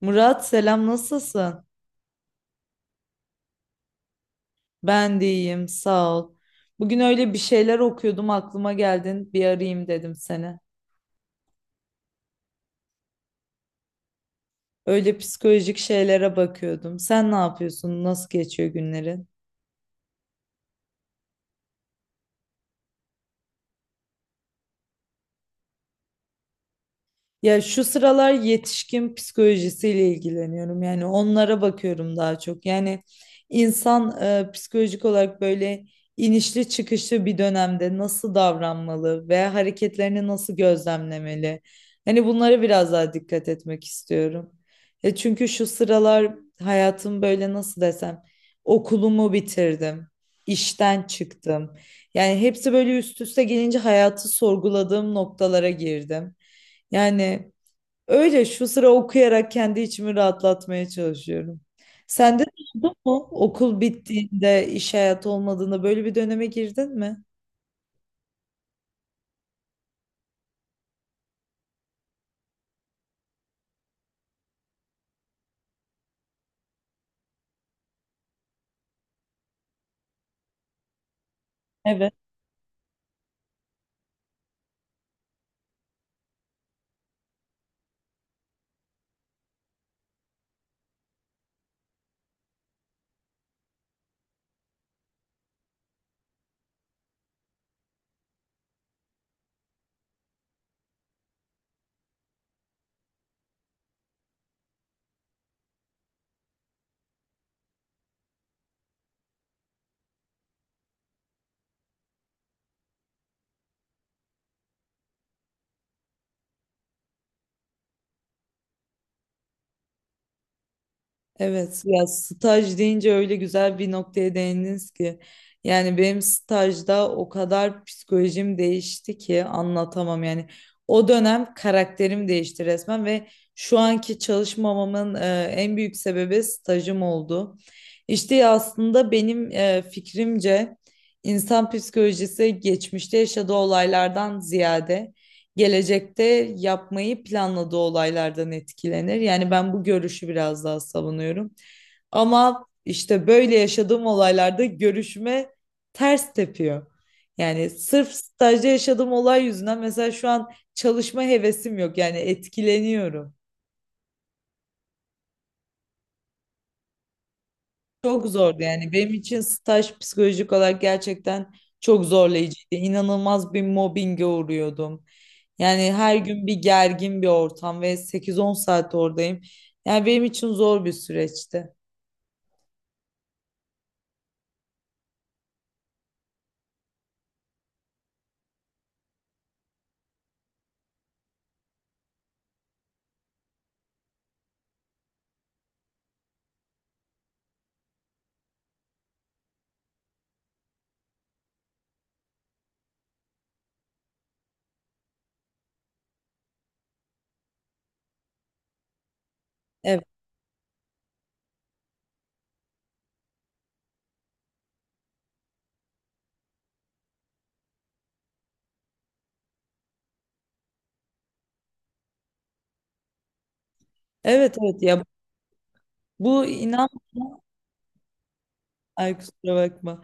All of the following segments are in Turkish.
Murat selam nasılsın? Ben de iyiyim sağ ol. Bugün öyle bir şeyler okuyordum aklıma geldin bir arayayım dedim seni. Öyle psikolojik şeylere bakıyordum. Sen ne yapıyorsun? Nasıl geçiyor günlerin? Ya şu sıralar yetişkin psikolojisiyle ilgileniyorum. Yani onlara bakıyorum daha çok. Yani insan psikolojik olarak böyle inişli çıkışlı bir dönemde nasıl davranmalı ve hareketlerini nasıl gözlemlemeli? Hani bunlara biraz daha dikkat etmek istiyorum. E çünkü şu sıralar hayatım böyle nasıl desem okulumu bitirdim, işten çıktım. Yani hepsi böyle üst üste gelince hayatı sorguladığım noktalara girdim. Yani öyle şu sıra okuyarak kendi içimi rahatlatmaya çalışıyorum. Sende de oldu mu? Okul bittiğinde, iş hayatı olmadığında böyle bir döneme girdin mi? Evet, ya staj deyince öyle güzel bir noktaya değindiniz ki. Yani benim stajda o kadar psikolojim değişti ki anlatamam yani. O dönem karakterim değişti resmen ve şu anki çalışmamamın en büyük sebebi stajım oldu. İşte aslında benim fikrimce insan psikolojisi geçmişte yaşadığı olaylardan ziyade gelecekte yapmayı planladığı olaylardan etkilenir. Yani ben bu görüşü biraz daha savunuyorum. Ama işte böyle yaşadığım olaylarda görüşüme ters tepiyor. Yani sırf stajda yaşadığım olay yüzünden mesela şu an çalışma hevesim yok. Yani etkileniyorum. Çok zordu yani benim için staj psikolojik olarak gerçekten çok zorlayıcıydı. İnanılmaz bir mobbinge uğruyordum. Yani her gün bir gergin bir ortam ve sekiz on saat oradayım. Yani benim için zor bir süreçti. Evet, evet, evet ya bu inan. Ay kusura bakma.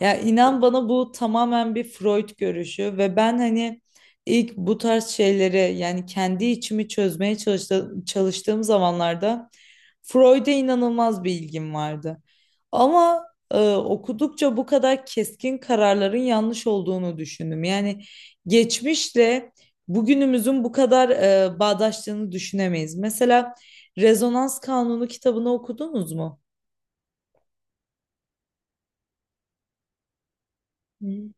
Ya inan bana bu tamamen bir Freud görüşü ve ben hani ilk bu tarz şeyleri yani kendi içimi çözmeye çalıştığım zamanlarda Freud'e inanılmaz bir ilgim vardı. Ama okudukça bu kadar keskin kararların yanlış olduğunu düşündüm. Yani geçmişle bugünümüzün bu kadar bağdaştığını düşünemeyiz. Mesela Rezonans Kanunu kitabını okudunuz mu? Hı.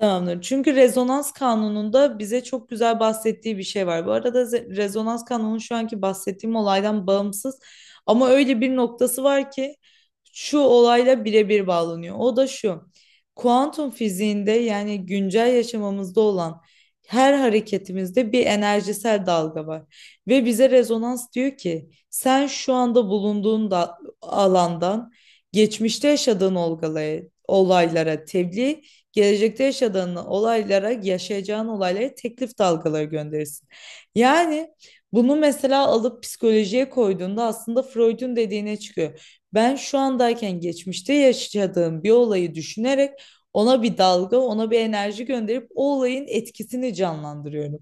Tamamdır. Çünkü rezonans kanununda bize çok güzel bahsettiği bir şey var. Bu arada rezonans kanunu şu anki bahsettiğim olaydan bağımsız ama öyle bir noktası var ki şu olayla birebir bağlanıyor. O da şu. Kuantum fiziğinde yani güncel yaşamımızda olan her hareketimizde bir enerjisel dalga var. Ve bize rezonans diyor ki sen şu anda bulunduğun da alandan geçmişte yaşadığın olgaya, olaylara tebliğ gelecekte yaşadığın olaylara, yaşayacağın olaylara teklif dalgaları gönderirsin. Yani bunu mesela alıp psikolojiye koyduğunda aslında Freud'un dediğine çıkıyor. Ben şu andayken geçmişte yaşadığım bir olayı düşünerek ona bir dalga, ona bir enerji gönderip o olayın etkisini canlandırıyorum.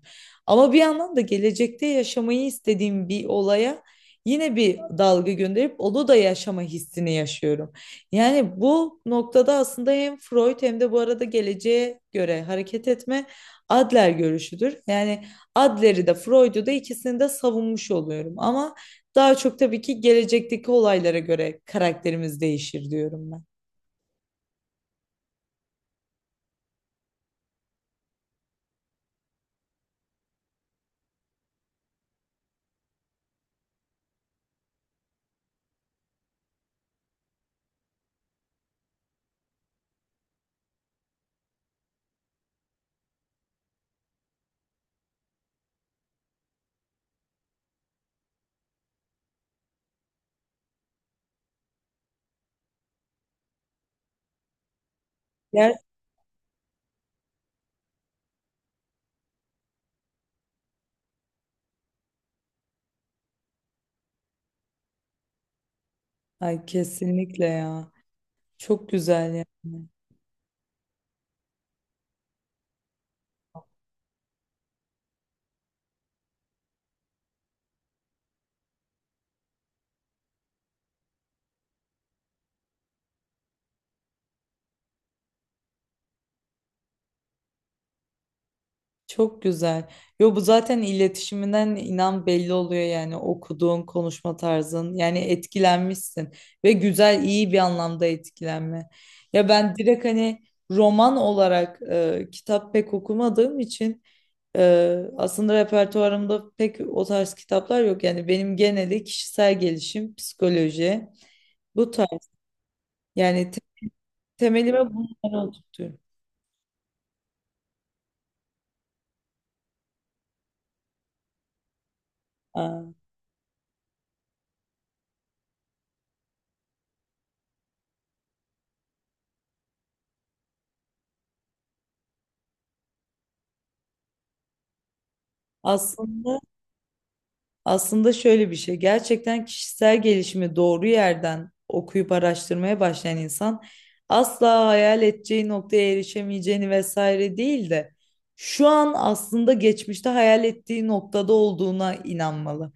Ama bir yandan da gelecekte yaşamayı istediğim bir olaya yine bir dalga gönderip onu da yaşama hissini yaşıyorum. Yani bu noktada aslında hem Freud hem de bu arada geleceğe göre hareket etme Adler görüşüdür. Yani Adler'i de Freud'u da ikisini de savunmuş oluyorum. Ama daha çok tabii ki gelecekteki olaylara göre karakterimiz değişir diyorum ben. Yer, ay kesinlikle ya. Çok güzel yani. Çok güzel. Yo bu zaten iletişiminden inan belli oluyor yani okuduğun konuşma tarzın yani etkilenmişsin ve güzel iyi bir anlamda etkilenme. Ya ben direkt hani roman olarak kitap pek okumadığım için e, aslında repertuarımda pek o tarz kitaplar yok. Yani benim geneli kişisel gelişim, psikoloji bu tarz yani temelime bunları oturtuyorum. Aa, Aslında Aslında şöyle bir şey, gerçekten kişisel gelişimi doğru yerden okuyup araştırmaya başlayan insan asla hayal edeceği noktaya erişemeyeceğini vesaire değil de şu an aslında geçmişte hayal ettiği noktada olduğuna inanmalı.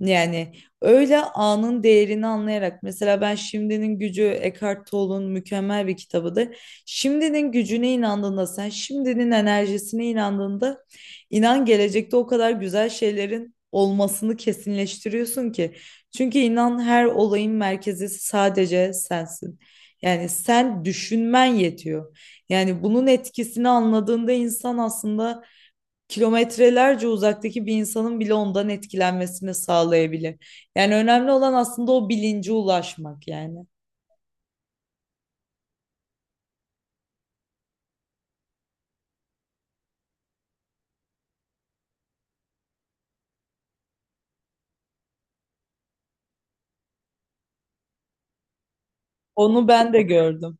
Yani öyle anın değerini anlayarak mesela ben Şimdinin Gücü Eckhart Tolle'un mükemmel bir kitabıdır. Şimdinin gücüne inandığında sen şimdinin enerjisine inandığında İnan gelecekte o kadar güzel şeylerin olmasını kesinleştiriyorsun ki. Çünkü inan her olayın merkezi sadece sensin. Yani sen düşünmen yetiyor. Yani bunun etkisini anladığında insan aslında kilometrelerce uzaktaki bir insanın bile ondan etkilenmesini sağlayabilir. Yani önemli olan aslında o bilince ulaşmak yani. Onu ben de gördüm.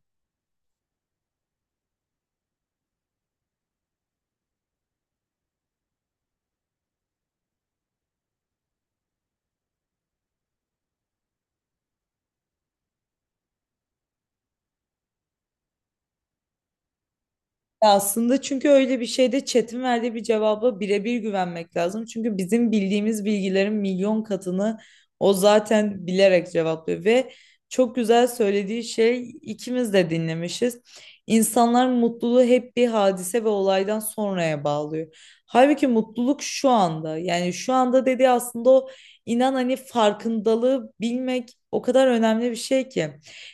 Ya aslında çünkü öyle bir şeyde chat'in verdiği bir cevaba birebir güvenmek lazım. Çünkü bizim bildiğimiz bilgilerin milyon katını o zaten bilerek cevaplıyor ve çok güzel söylediği şey ikimiz de dinlemişiz. İnsanlar mutluluğu hep bir hadise ve olaydan sonraya bağlıyor. Halbuki mutluluk şu anda. Yani şu anda dediği aslında o inan hani farkındalığı bilmek o kadar önemli bir şey ki.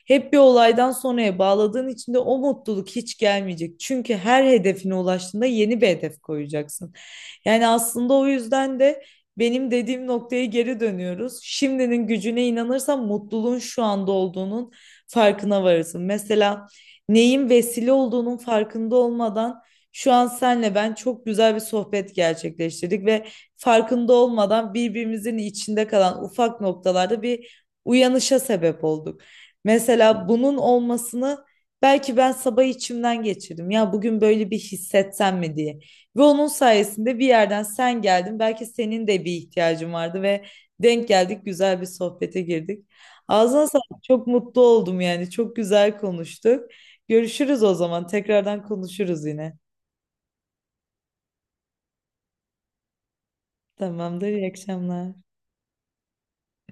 Hep bir olaydan sonraya bağladığın için de o mutluluk hiç gelmeyecek. Çünkü her hedefine ulaştığında yeni bir hedef koyacaksın. Yani aslında o yüzden de benim dediğim noktaya geri dönüyoruz. Şimdinin gücüne inanırsan mutluluğun şu anda olduğunun farkına varırsın. Mesela neyin vesile olduğunun farkında olmadan şu an senle ben çok güzel bir sohbet gerçekleştirdik ve farkında olmadan birbirimizin içinde kalan ufak noktalarda bir uyanışa sebep olduk. Mesela bunun olmasını belki ben sabah içimden geçirdim. Ya bugün böyle bir hissetsem mi diye. Ve onun sayesinde bir yerden sen geldin. Belki senin de bir ihtiyacın vardı ve denk geldik, güzel bir sohbete girdik. Ağzına sağlık. Çok mutlu oldum yani. Çok güzel konuştuk. Görüşürüz o zaman. Tekrardan konuşuruz yine. Tamamdır. İyi akşamlar.